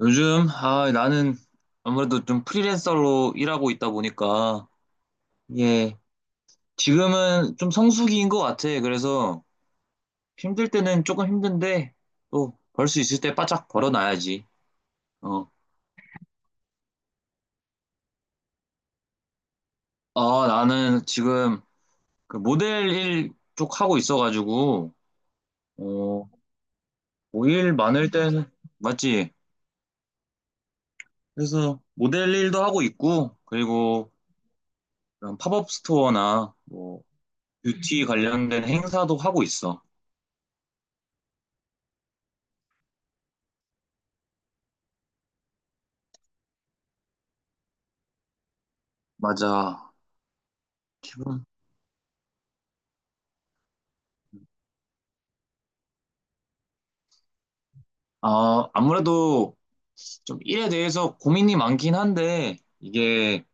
요즘, 나는 아무래도 좀 프리랜서로 일하고 있다 보니까, 예, 지금은 좀 성수기인 것 같아. 그래서 힘들 때는 조금 힘든데, 또 벌 수 있을 때 바짝 벌어놔야지. 어, 나는 지금 그 모델 일 쪽 하고 있어가지고, 어, 뭐일 많을 때는, 맞지? 그래서 모델 일도 하고 있고, 그리고 그런 팝업 스토어나 뭐, 뷰티 관련된 행사도 하고 있어. 맞아. 아무래도 좀 일에 대해서 고민이 많긴 한데, 이게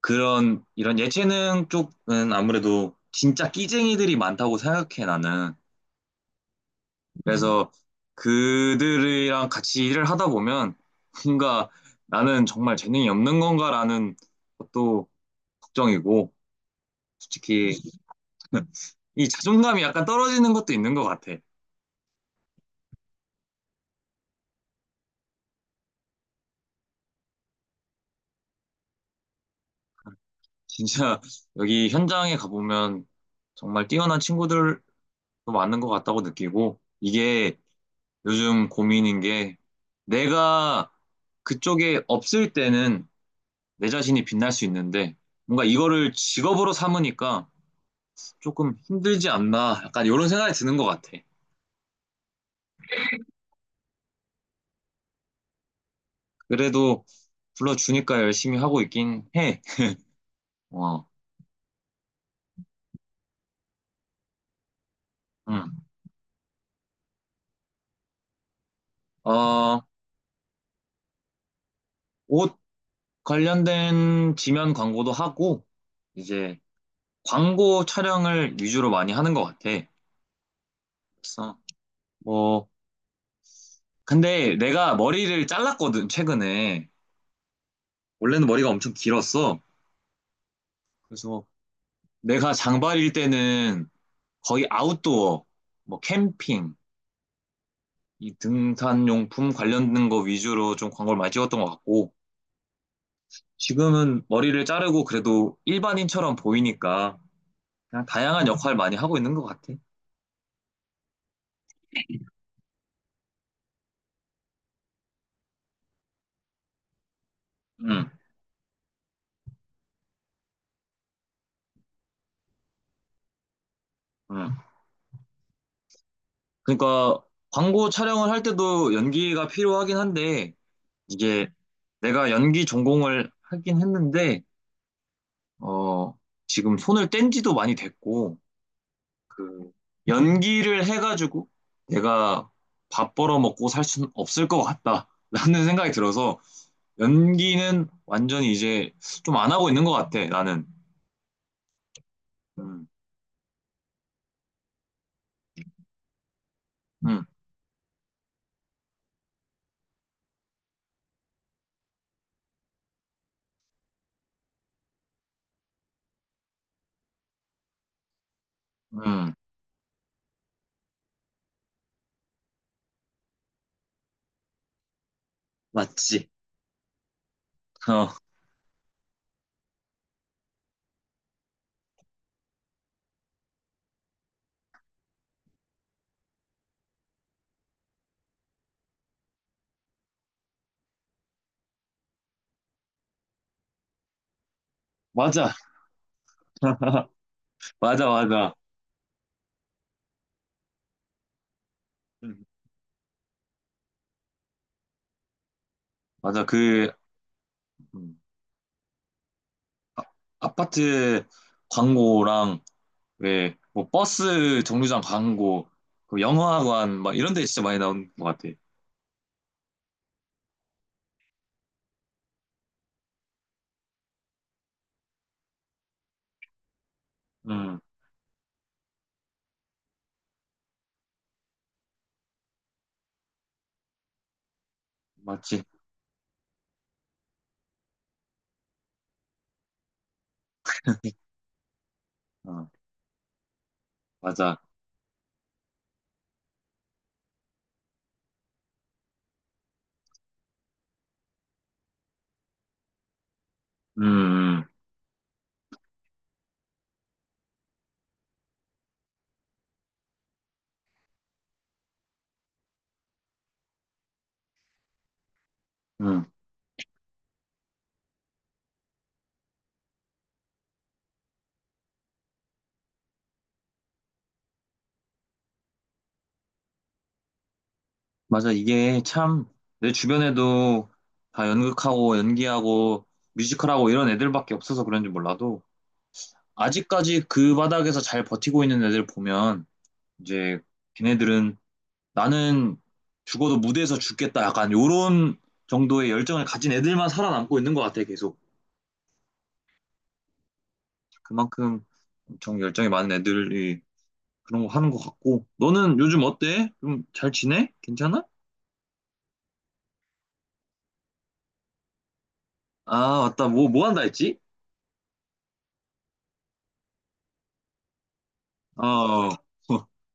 이런 예체능 쪽은 아무래도 진짜 끼쟁이들이 많다고 생각해, 나는. 음. 그래서 그들이랑 같이 일을 하다 보면, 뭔가 나는 정말 재능이 없는 건가라는 것도 걱정이고, 솔직히 이 자존감이 약간 떨어지는 것도 있는 것 같아. 진짜 여기 현장에 가보면 정말 뛰어난 친구들도 많은 것 같다고 느끼고, 이게 요즘 고민인 게 내가 그쪽에 없을 때는 내 자신이 빛날 수 있는데 뭔가 이거를 직업으로 삼으니까 조금 힘들지 않나 약간 이런 생각이 드는 것 같아. 그래도 불러주니까 열심히 하고 있긴 해. 어, 응. 어, 옷 관련된 지면 광고도 하고 이제 광고 촬영을 위주로 많이 하는 것 같아. 그래서 뭐 근데 내가 머리를 잘랐거든 최근에. 원래는 머리가 엄청 길었어. 그래서 내가 장발일 때는 거의 아웃도어, 뭐 캠핑, 이 등산용품 관련된 거 위주로 좀 광고를 많이 찍었던 것 같고, 지금은 머리를 자르고 그래도 일반인처럼 보이니까 그냥 다양한 역할 많이 하고 있는 것 같아. 응, 응. 그러니까 광고 촬영을 할 때도 연기가 필요하긴 한데, 이게 내가 연기 전공을 하긴 했는데, 어, 지금 손을 뗀 지도 많이 됐고, 그 연기를 해가지고 내가 밥 벌어 먹고 살 수는 없을 것 같다라는 생각이 들어서 연기는 완전히 이제 좀 안 하고 있는 것 같아 나는. 음, 음, 음, 맞지. 어, 맞아, 맞아, 맞아, 음. 맞아. 그 음, 아, 아파트 광고랑 왜 뭐 버스 정류장 광고, 그 영화관 막 이런 데 진짜 많이 나온 것 같아. 음, 맞지. 어, 맞아. 음, 음. 음. 맞아. 이게 참 내 주변에도 다 연극하고 연기하고 뮤지컬하고 이런 애들밖에 없어서 그런지 몰라도 아직까지 그 바닥에서 잘 버티고 있는 애들 보면 이제 걔네들은 나는 죽어도 무대에서 죽겠다 약간 요런 정도의 열정을 가진 애들만 살아남고 있는 것 같아 계속. 그만큼 엄청 열정이 많은 애들이 그런 거 하는 것 같고 너는 요즘 어때? 좀 잘 지내? 괜찮아? 아 맞다. 뭐 뭐 한다 했지? 어.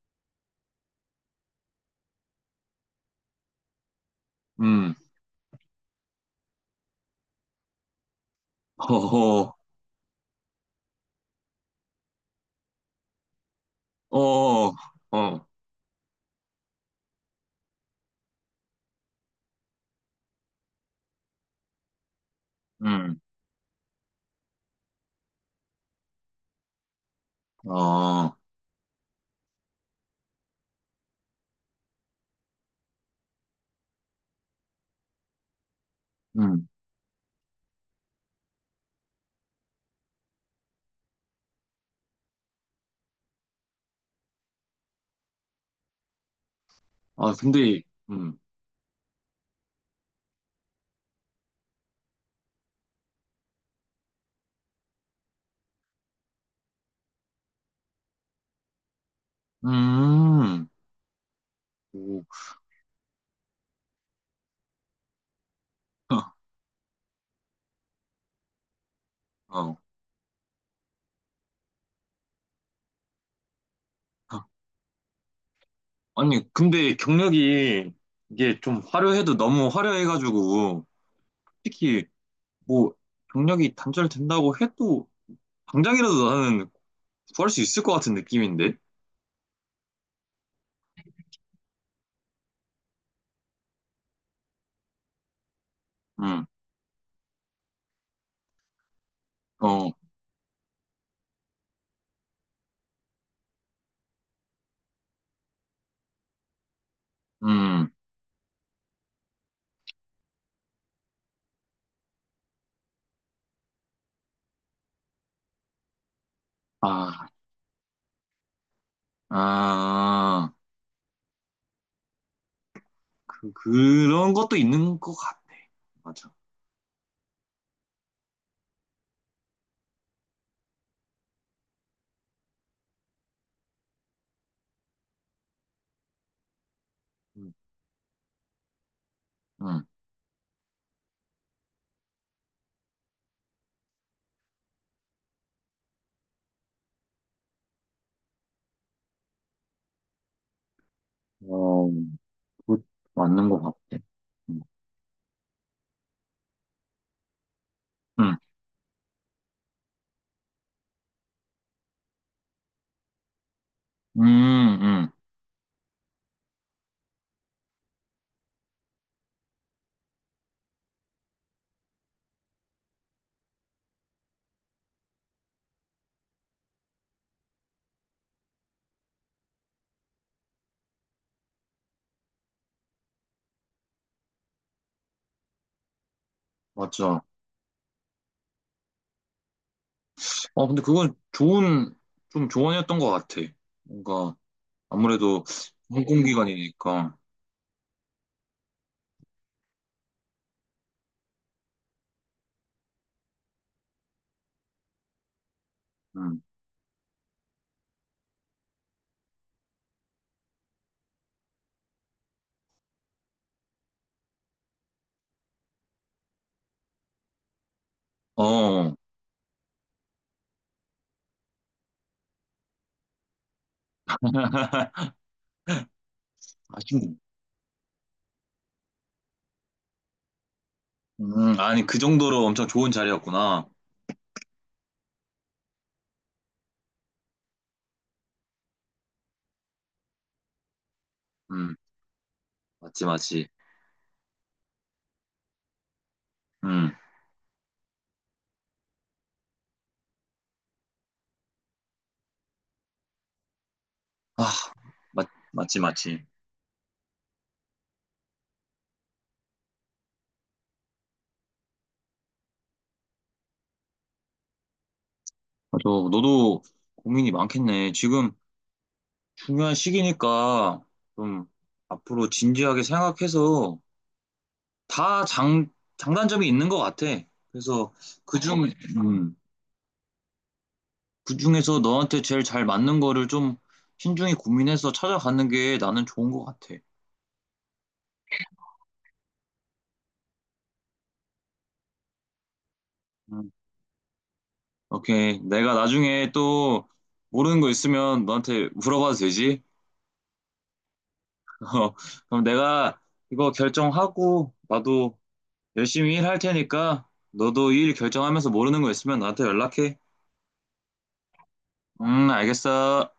음. 어허, 어, 어, 음, 어, 음. 아, 근데, 음, 음, 오, 어. 어. 아니, 근데 경력이 이게 좀 화려해도 너무 화려해가지고, 솔직히 뭐, 경력이 단절된다고 해도, 당장이라도 나는 구할 수 있을 것 같은 느낌인데? 음, 어, 음, 아, 아, 그런 것도 있는 것 같아. 맞아. 음, 음. 그거 맞는 것 같아. 음, 음, 음, 음, 맞아. 어, 근데 그건 좋은, 좀 조언이었던 것 같아. 뭔가, 아무래도 공공기관이니까. 음, 어, 아쉽네. 아니, 그 정도로 엄청 좋은 자리였구나. 음, 맞지, 맞지. 음, 아, 맞지, 맞지. 맞아, 너도 고민이 많겠네. 지금 중요한 시기니까 좀 앞으로 진지하게 생각해서 다 장단점이 있는 것 같아. 그래서 그중, 음, 그중에서 너한테 제일 잘 맞는 거를 좀 신중히 고민해서 찾아가는 게 나는 좋은 것 같아. 음, 오케이. 내가 나중에 또 모르는 거 있으면 너한테 물어봐도 되지? 어, 그럼 내가 이거 결정하고 나도 열심히 일할 테니까 너도 일 결정하면서 모르는 거 있으면 나한테 연락해. 알겠어.